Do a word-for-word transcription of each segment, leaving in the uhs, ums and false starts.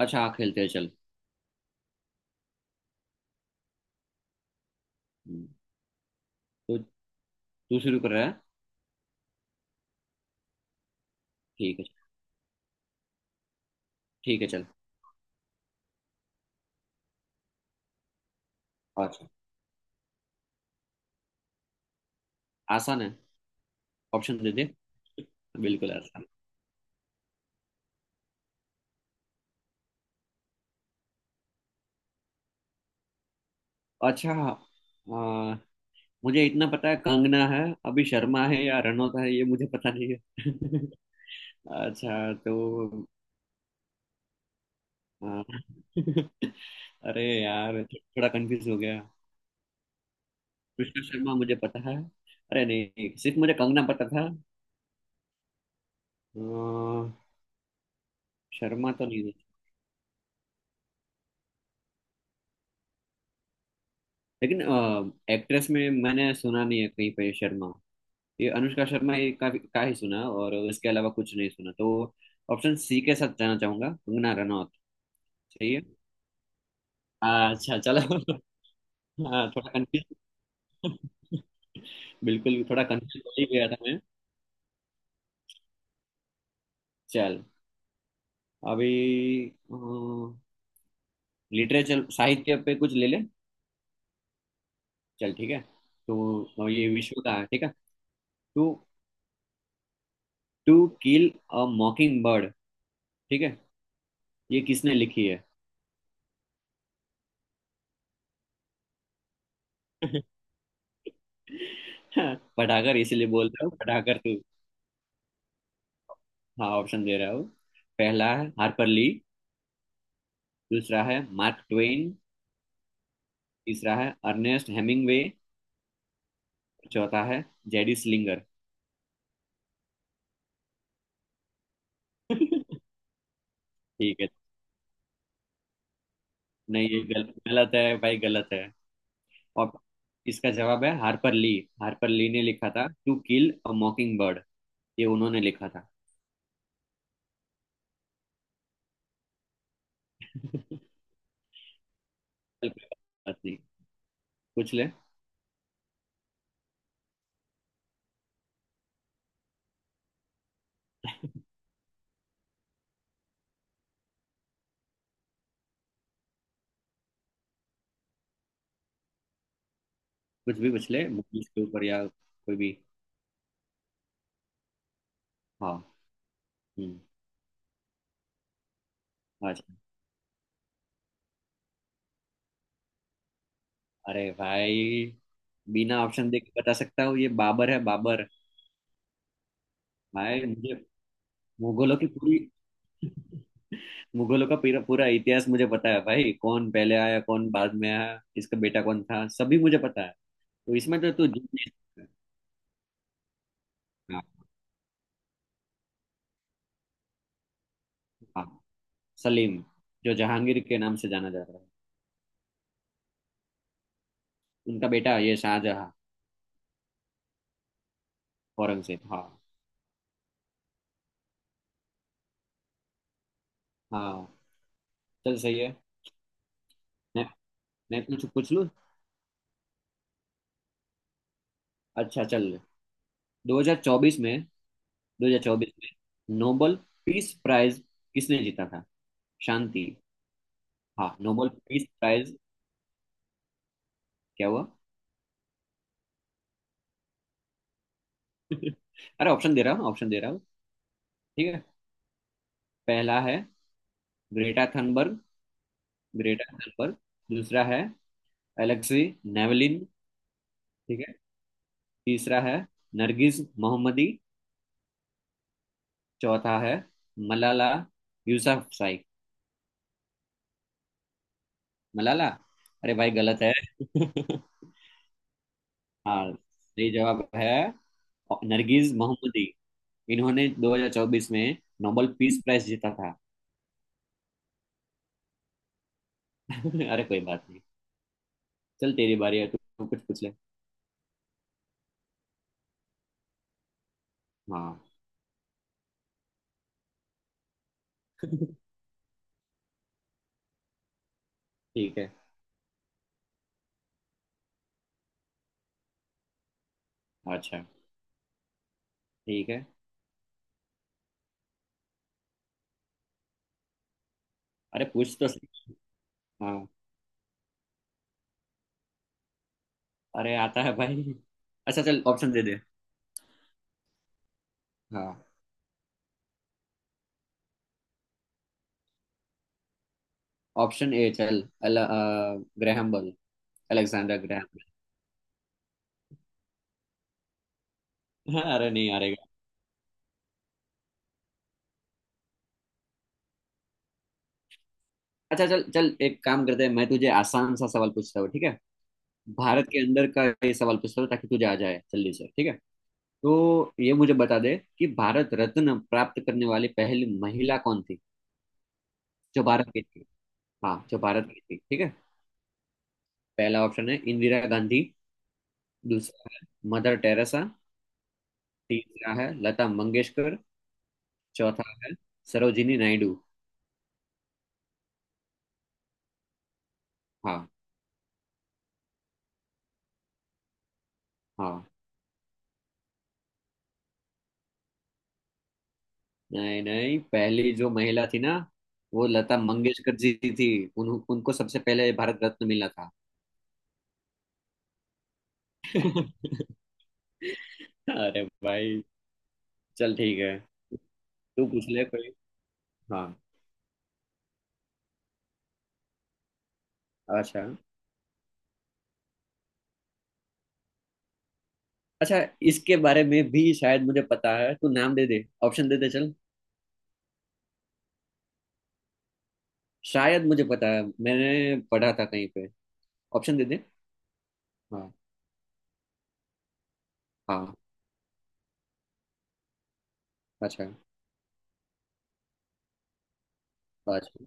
अच्छा। हाँ, खेलते हैं चल। हम्म, तो तू शुरू कर रहा है। ठीक है। ठीक है, चल। अच्छा। आसान है। ऑप्शन दे दे। बिल्कुल आसान। अच्छा। आ, मुझे इतना पता है, कंगना है। अभी शर्मा है या रनौत है, ये मुझे पता नहीं है। अच्छा, तो आ, अरे यार, थोड़ा कंफ्यूज हो गया। कृष्णा शर्मा मुझे पता है। अरे नहीं, सिर्फ मुझे कंगना पता था। आ, शर्मा तो नहीं है। लेकिन एक्ट्रेस में मैंने सुना नहीं है कहीं पे शर्मा। ये अनुष्का शर्मा, ये का, का ही सुना और इसके अलावा कुछ नहीं सुना, तो ऑप्शन सी के साथ जाना चाहूंगा, कंगना रनौत। सही है। हाँ, अच्छा, चलो। हाँ, थोड़ा कंफ्यूज। बिल्कुल, थोड़ा कंफ्यूज हो ही गया था मैं। चल, अभी लिटरेचर साहित्य पे कुछ ले ले। चल, ठीक है। तो अ, ये विश्व का है, ठीक है। To. To kill a mockingbird, ठीक है। ये किसने लिखी है? पढ़ाकर इसीलिए बोल रहा हूँ, पढ़ाकर तू। हाँ, ऑप्शन दे रहा हूँ। पहला है हार्पर ली। दूसरा है मार्क ट्वेन। तीसरा है अर्नेस्ट हेमिंग्वे। चौथा है जेडी स्लिंगर। ठीक है। नहीं, ये गल, गलत है भाई, गलत है। और इसका जवाब है हार्पर ली। हार्पर ली ने लिखा था to kill a mockingbird. ये उन्होंने लिखा था। चल, कोई बात नहीं। पूछ ले, कुछ भी पूछ ले, मूवीज के ऊपर या कोई भी। हाँ। हम्म। अच्छा। अरे भाई, बिना ऑप्शन देख के बता सकता हूँ, ये बाबर है, बाबर। भाई मुझे, मुगलों की पूरी, मुगलों का पूरा पूरा इतिहास मुझे पता है भाई, कौन पहले आया, कौन बाद में आया, इसका बेटा कौन था, सभी मुझे पता है। तो इसमें तो तू जीत नहीं सकता। हाँ। हाँ। सलीम, जो जहांगीर के नाम से जाना जा रहा है। उनका बेटा ये शाहजहां। औरंगजेब, हाँ। हाँ, चल सही है। मैं मैं कुछ पूछ लूँ। अच्छा, चल। दो हज़ार चौबीस में, दो हज़ार चौबीस में नोबल पीस प्राइज किसने जीता था? शांति, हाँ, नोबल पीस प्राइज। क्या हुआ? अरे ऑप्शन दे रहा हूँ, ऑप्शन दे रहा हूँ। ठीक है। पहला है ग्रेटा थनबर्ग, ग्रेटा थनबर्ग। दूसरा है एलेक्सी नेवलिन, ठीक है। तीसरा है नरगिस मोहम्मदी। चौथा है मलाला यूसुफजई। मलाला? अरे भाई, गलत है। हाँ, सही जवाब है नरगिस मोहम्मदी। इन्होंने दो हज़ार चौबीस में नोबेल पीस प्राइज जीता था। अरे कोई बात नहीं। चल, तेरी बारी है, तू कुछ पूछ ले। हाँ। ठीक है। अच्छा। ठीक है। अरे पूछ तो सही। हाँ। अरे आता है भाई। अच्छा, चल ऑप्शन दे दे। हाँ। ऑप्शन ए, चल। Al, Graham Bell. Alexander Graham bell, हाँ। अरे, नहीं हारेगा। अच्छा, चल चल, एक काम करते हैं, मैं तुझे आसान सा सवाल पूछता हूँ, ठीक है। भारत के अंदर का ये सवाल पूछता हूँ ताकि तुझे आ जाए जल्दी से, ठीक है। तो ये मुझे बता दे कि भारत रत्न प्राप्त करने वाली पहली महिला कौन थी? जो भारत की थी। हाँ, जो भारत की थी, ठीक है। पहला ऑप्शन है इंदिरा गांधी। दूसरा है मदर टेरेसा। तीसरा है लता मंगेशकर। चौथा है सरोजिनी नायडू। हाँ। हाँ। नहीं नहीं, पहली जो महिला थी ना, वो लता मंगेशकर जी थी। उन, उनको सबसे पहले भारत रत्न मिला था। अरे भाई। चल ठीक है। तू पूछ ले कोई। हाँ। अच्छा, अच्छा। इसके बारे में भी शायद मुझे पता है, तू नाम दे दे, ऑप्शन दे दे चल। शायद मुझे पता है, मैंने पढ़ा था कहीं पे। ऑप्शन दे दे। हाँ। हाँ। अच्छा। अच्छा,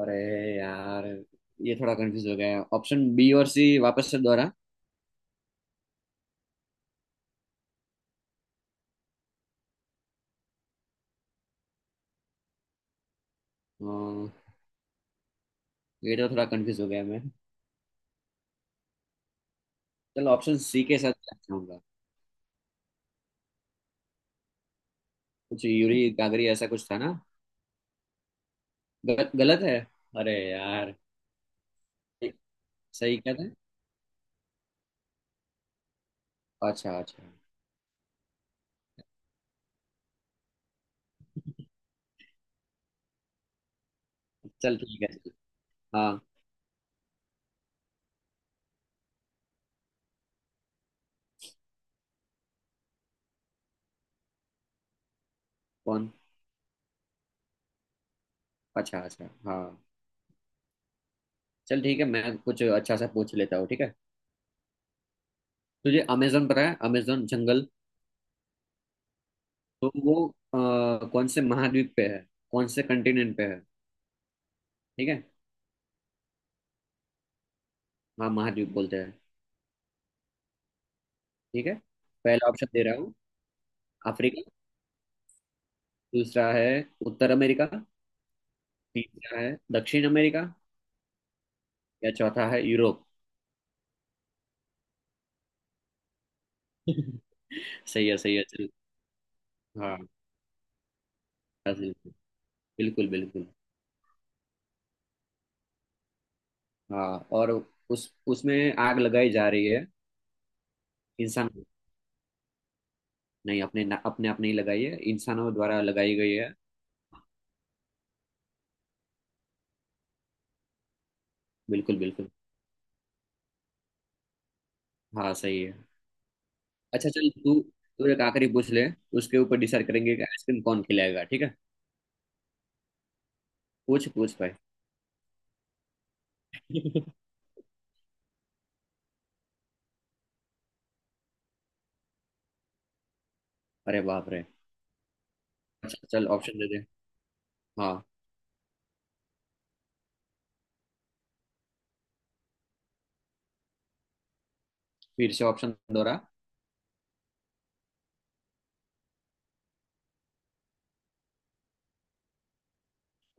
अरे यार, ये थोड़ा कंफ्यूज हो गया। ऑप्शन बी और सी वापस से दोहरा। हाँ। ये तो थोड़ा कंफ्यूज हो गया मैं। चल, ऑप्शन सी के साथ जाना चाहूंगा। कुछ यूरी गागरी, ऐसा कुछ था ना? गलत? गलत है। अरे यार। सही क्या था? अच्छा, अच्छा। चल ठीक है चल। हाँ। कौन? अच्छा, अच्छा, हाँ। चल ठीक है, मैं कुछ अच्छा सा पूछ लेता हूँ, ठीक है। तुझे अमेजोन पता है, अमेजोन जंगल? तो वो अ, कौन से महाद्वीप पे है? कौन से कंटिनेंट पे है? ठीक है। हाँ, महाद्वीप बोलते हैं। ठीक है। पहला ऑप्शन दे रहा हूँ, अफ्रीका। दूसरा है उत्तर अमेरिका। तीसरा है दक्षिण अमेरिका। या चौथा है यूरोप। सही है, सही है चल। हाँ, ब्राजील। बिल्कुल, बिल्कुल। हाँ, और उस उसमें आग लगाई जा रही है। इंसान, नहीं, अपने ना, अपने आप नहीं लगाई है, इंसानों द्वारा लगाई गई है। बिल्कुल, बिल्कुल। हाँ, सही है। अच्छा, चल तू तू एक आखिरी पूछ ले। उसके ऊपर डिसाइड करेंगे कि आइसक्रीम कौन खिलाएगा, ठीक है। पूछ पूछ भाई। अरे बाप रे। अच्छा, चल, ऑप्शन दे दे। हाँ। फिर से ऑप्शन दोहरा।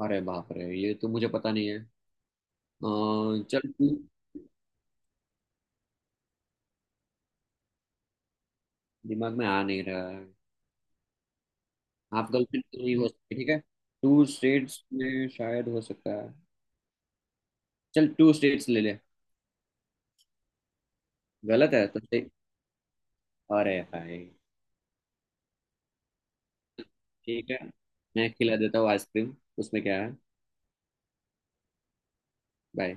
अरे बाप रे, ये तो मुझे पता नहीं है। अ, चल तू। दिमाग में आ नहीं रहा। आप गर्लफ्रेंड तो नहीं हो सकती, ठीक है। टू स्टेट्स में शायद हो सकता है। चल, टू स्टेट्स ले ले। गलत है तो सही? अरे भाई। ठीक है। मैं खिला देता हूँ आइसक्रीम, उसमें क्या है। बाय।